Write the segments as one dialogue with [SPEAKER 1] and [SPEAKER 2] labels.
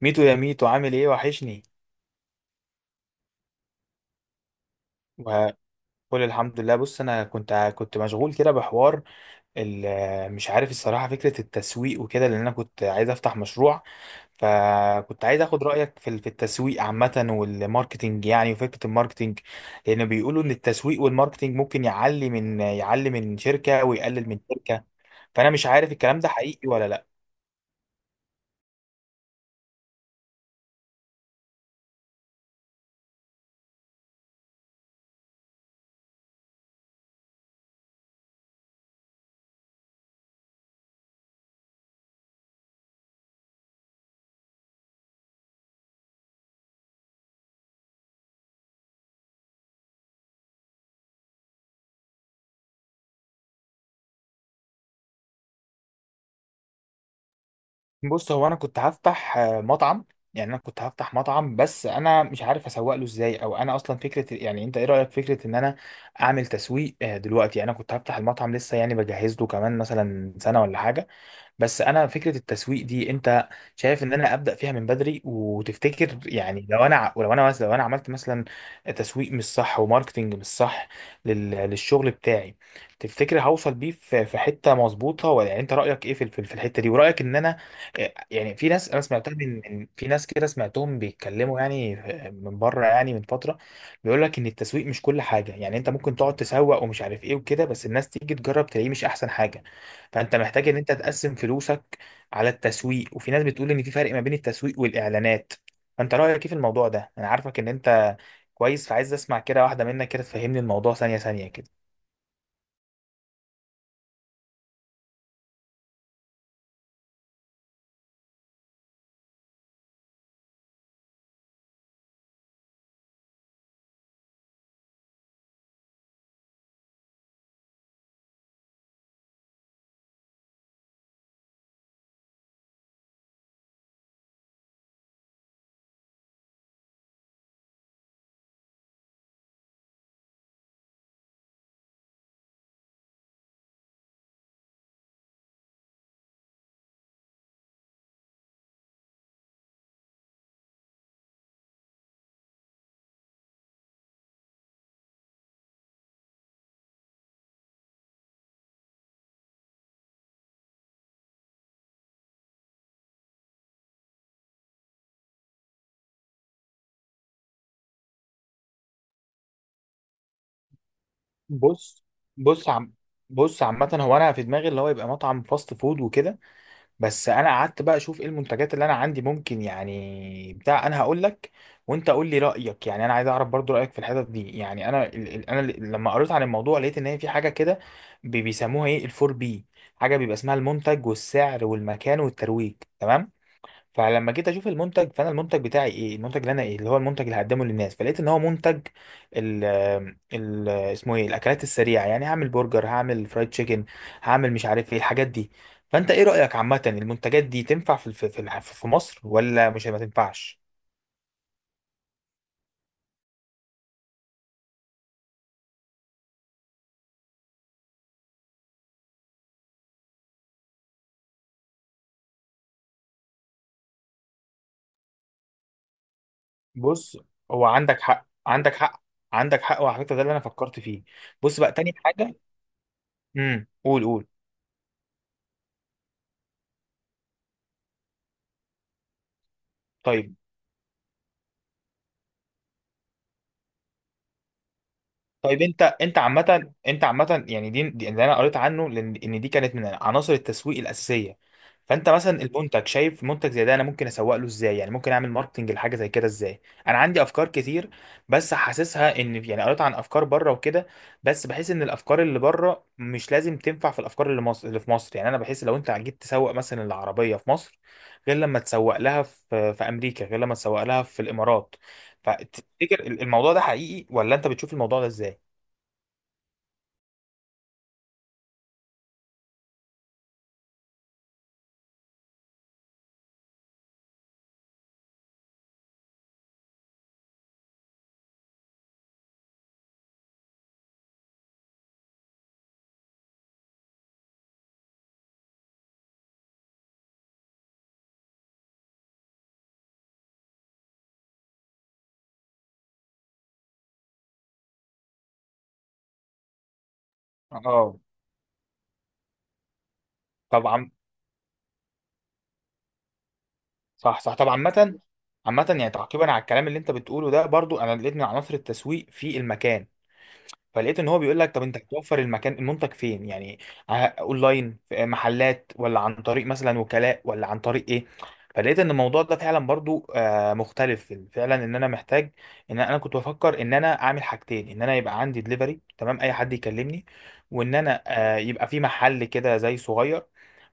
[SPEAKER 1] ميتو يا ميتو، عامل ايه؟ وحشني وقول. الحمد لله. بص انا كنت مشغول كده بحوار مش عارف الصراحه فكره التسويق وكده، لان انا كنت عايز افتح مشروع. فكنت عايز اخد رايك في في التسويق عامه والماركتينج، يعني وفكره الماركتينج. لان بيقولوا ان التسويق والماركتينج ممكن يعلي من شركه ويقلل من شركه. فانا مش عارف الكلام ده حقيقي ولا لا. بص، هو انا كنت هفتح مطعم. يعني انا كنت هفتح مطعم بس انا مش عارف اسوق له ازاي، او انا اصلا فكره، يعني انت ايه رايك فكره ان انا اعمل تسويق دلوقتي. يعني انا كنت هفتح المطعم لسه، يعني بجهز له كمان مثلا سنه ولا حاجه. بس انا فكره التسويق دي، انت شايف ان انا ابدا فيها من بدري؟ وتفتكر يعني لو انا ولو انا مثلا، لو انا عملت مثلا تسويق مش صح وماركتنج مش صح للشغل بتاعي، تفتكر هوصل بيه في حته مظبوطه؟ ولا يعني انت رايك ايه في في الحته دي؟ ورايك ان انا يعني في ناس انا سمعتها في ناس كده سمعتهم بيتكلموا، يعني من بره يعني من فتره، بيقول لك ان التسويق مش كل حاجه. يعني انت ممكن تقعد تسوق ومش عارف ايه وكده، بس الناس تيجي تجرب تلاقيه مش احسن حاجه. فانت محتاج ان انت تقسم فلوسك على التسويق. وفي ناس بتقول ان في فرق ما بين التسويق والاعلانات. فانت رايك ايه في الموضوع ده؟ انا عارفك ان انت كويس، فعايز اسمع كده واحده منك كده، تفهمني الموضوع ثانيه ثانيه كده. بص بص عم بص، عامة هو أنا في دماغي اللي هو يبقى مطعم فاست فود وكده. بس انا قعدت بقى اشوف ايه المنتجات اللي انا عندي ممكن، يعني بتاع، انا هقول لك وانت قول لي رايك. يعني انا عايز اعرف برضو رايك في الحتت دي. يعني انا لما قريت عن الموضوع لقيت ان هي في حاجه كده بيسموها ايه الفور بي. حاجه بيبقى اسمها المنتج والسعر والمكان والترويج. تمام. فلما جيت اشوف المنتج، فانا المنتج بتاعي ايه، المنتج اللي انا ايه، اللي هو المنتج اللي هقدمه للناس. فلقيت ان هو منتج ال ال اسمه ايه، الاكلات السريعه. يعني هعمل برجر، هعمل فرايد تشيكن، هعمل مش عارف ايه الحاجات دي. فانت ايه رايك عامه، المنتجات دي تنفع في مصر، ولا مش ما تنفعش؟ بص هو، عندك حق، عندك حق. عندك حق، وعلى فكره ده اللي انا فكرت فيه. بص بقى، تاني حاجه. امم، قول قول. طيب. طيب انت عامة، يعني دي اللي انا قريت عنه، لان ان دي كانت من عناصر التسويق الاساسية. فانت مثلا المنتج، شايف منتج زي ده انا ممكن اسوق له ازاي؟ يعني ممكن اعمل ماركتنج لحاجة زي كده ازاي؟ انا عندي افكار كتير، بس حاسسها ان، يعني قريت عن افكار بره وكده، بس بحس ان الافكار اللي بره مش لازم تنفع في الافكار اللي مصر، اللي في مصر. يعني انا بحس لو انت جيت تسوق مثلا العربية في مصر، غير لما تسوق لها في في امريكا، غير لما تسوق لها في الامارات. فتفتكر الموضوع ده حقيقي، ولا انت بتشوف الموضوع ده ازاي؟ اه طبعا. صح صح، طبعا. عامة عامة، يعني تعقيبا على الكلام اللي انت بتقوله ده، برضو انا لقيت من عناصر التسويق في المكان. فلقيت ان هو بيقول لك طب انت هتوفر المكان، المنتج فين يعني، اونلاين؟ في محلات؟ ولا عن طريق مثلا وكلاء؟ ولا عن طريق ايه؟ فلقيت ان الموضوع ده فعلا برضو مختلف فعلا. ان انا محتاج، ان انا كنت بفكر ان انا اعمل حاجتين: ان انا يبقى عندي دليفري، تمام، اي حد يكلمني. وان انا يبقى في محل كده زي صغير.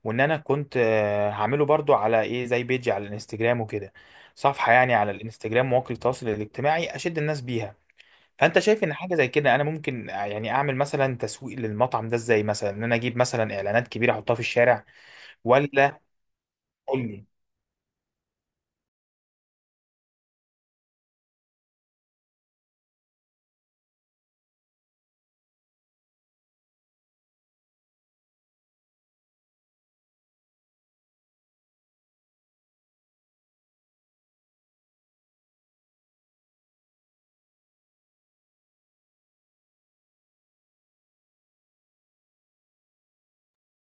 [SPEAKER 1] وان انا كنت هعمله برضو على ايه زي، بيجي على الانستجرام وكده. صفحة يعني على الانستجرام، مواقع التواصل الاجتماعي اشد الناس بيها. فانت شايف ان حاجة زي كده انا ممكن يعني اعمل مثلا تسويق للمطعم ده ازاي؟ مثلا ان انا اجيب مثلا اعلانات كبيرة احطها في الشارع، ولا؟ قول لي.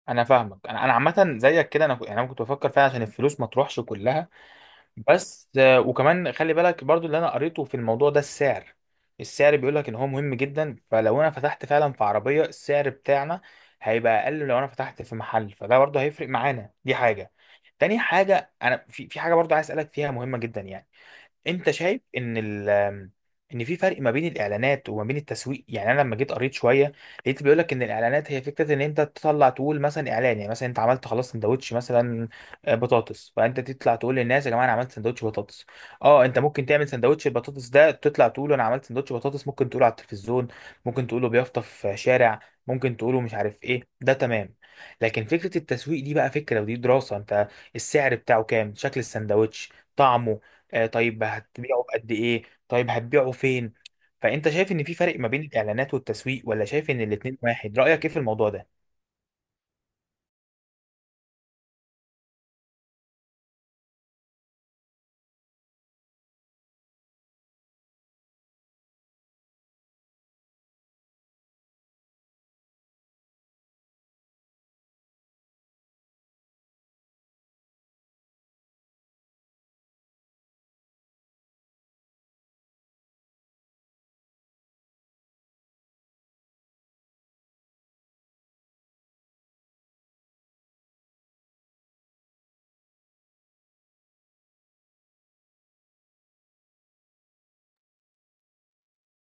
[SPEAKER 1] انا فاهمك. انا عامة زيك كده. انا يعني انا كنت بفكر فيها عشان الفلوس ما تروحش كلها. بس وكمان خلي بالك برضو اللي انا قريته في الموضوع ده، السعر. السعر بيقول لك ان هو مهم جدا. فلو انا فتحت فعلا في عربية السعر بتاعنا هيبقى اقل. لو انا فتحت في محل فده برضو هيفرق معانا. دي حاجة. تاني حاجة، انا في حاجة برضو عايز اسالك فيها مهمة جدا يعني. انت شايف ان ان في فرق ما بين الاعلانات وما بين التسويق؟ يعني انا لما جيت قريت شويه، لقيت بيقول لك ان الاعلانات هي فكره ان انت تطلع تقول مثلا اعلان. يعني مثلا انت عملت خلاص سندوتش مثلا بطاطس. فانت تطلع تقول للناس يا جماعه، انا عملت سندوتش بطاطس. اه انت ممكن تعمل سندوتش البطاطس ده، تطلع تقول انا عملت سندوتش بطاطس، ممكن تقوله على التلفزيون، ممكن تقوله بيافطه في شارع، ممكن تقوله مش عارف ايه، ده تمام. لكن فكره التسويق دي بقى فكره، ودي دراسه: انت السعر بتاعه كام، شكل السندوتش، طعمه، آه طيب هتبيعه بقد ايه، طيب هتبيعه فين. فانت شايف ان في فرق ما بين الاعلانات والتسويق، ولا شايف ان الاتنين واحد؟ رأيك ايه في الموضوع ده؟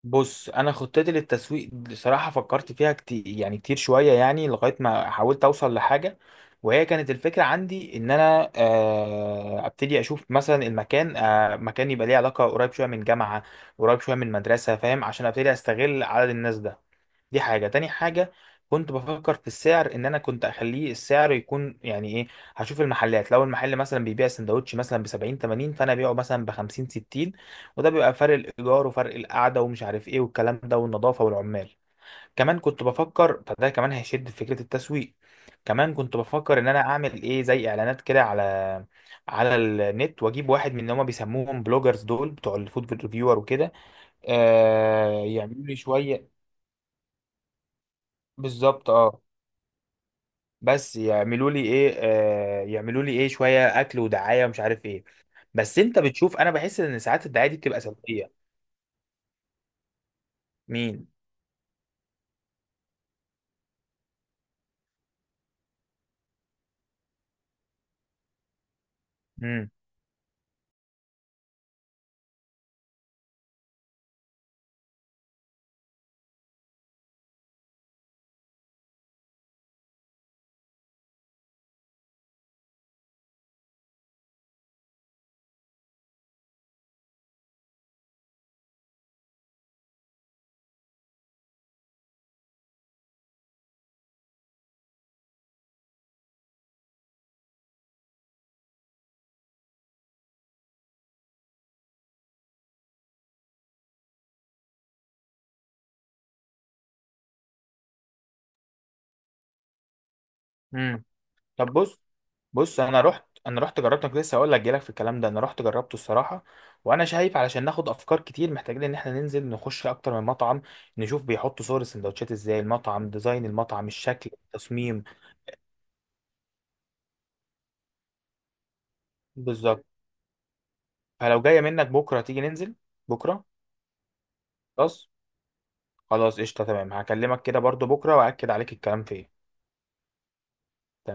[SPEAKER 1] بص انا خطتي للتسويق بصراحه فكرت فيها كتير، يعني كتير شويه، يعني لغايه ما حاولت اوصل لحاجه. وهي كانت الفكره عندي ان انا ابتدي اشوف مثلا المكان، مكان يبقى ليه علاقه قريب شويه من جامعه، قريب شويه من مدرسه، فاهم، عشان ابتدي استغل عدد الناس ده. دي حاجة. تاني حاجة، كنت بفكر في السعر ان انا كنت اخليه السعر يكون يعني ايه، هشوف المحلات، لو المحل مثلا بيبيع سندوتش مثلا ب 70 80، فانا ابيعه مثلا ب 50 60. وده بيبقى فرق الايجار وفرق القعده ومش عارف ايه والكلام ده، والنظافه والعمال. كمان كنت بفكر فده كمان هيشد في فكره التسويق. كمان كنت بفكر ان انا اعمل ايه زي اعلانات كده على على النت، واجيب واحد من اللي هما بيسموهم بلوجرز دول بتوع الفود ريفيور وكده، آه يعملوا لي شويه. بالظبط اه. بس يعملوا لي ايه، آه يعملوا لي ايه، شويه اكل ودعايه ومش عارف ايه. بس انت بتشوف، انا بحس ان ساعات الدعايه دي بتبقى سلبيه. مين؟ امم. امم. طب بص. بص انا رحت انا رحت جربت. أنا كنت لسه هقول لك جالك في الكلام ده. انا رحت جربته الصراحه. وانا شايف علشان ناخد افكار كتير محتاجين ان احنا ننزل، نخش اكتر من مطعم، نشوف بيحطوا صور السندوتشات ازاي، المطعم، ديزاين المطعم، الشكل، التصميم. بالظبط. فلو جايه منك بكره تيجي ننزل. بكره. خلاص. خلاص قشطه، تمام. هكلمك كده برضو بكره واكد عليك الكلام في ايه.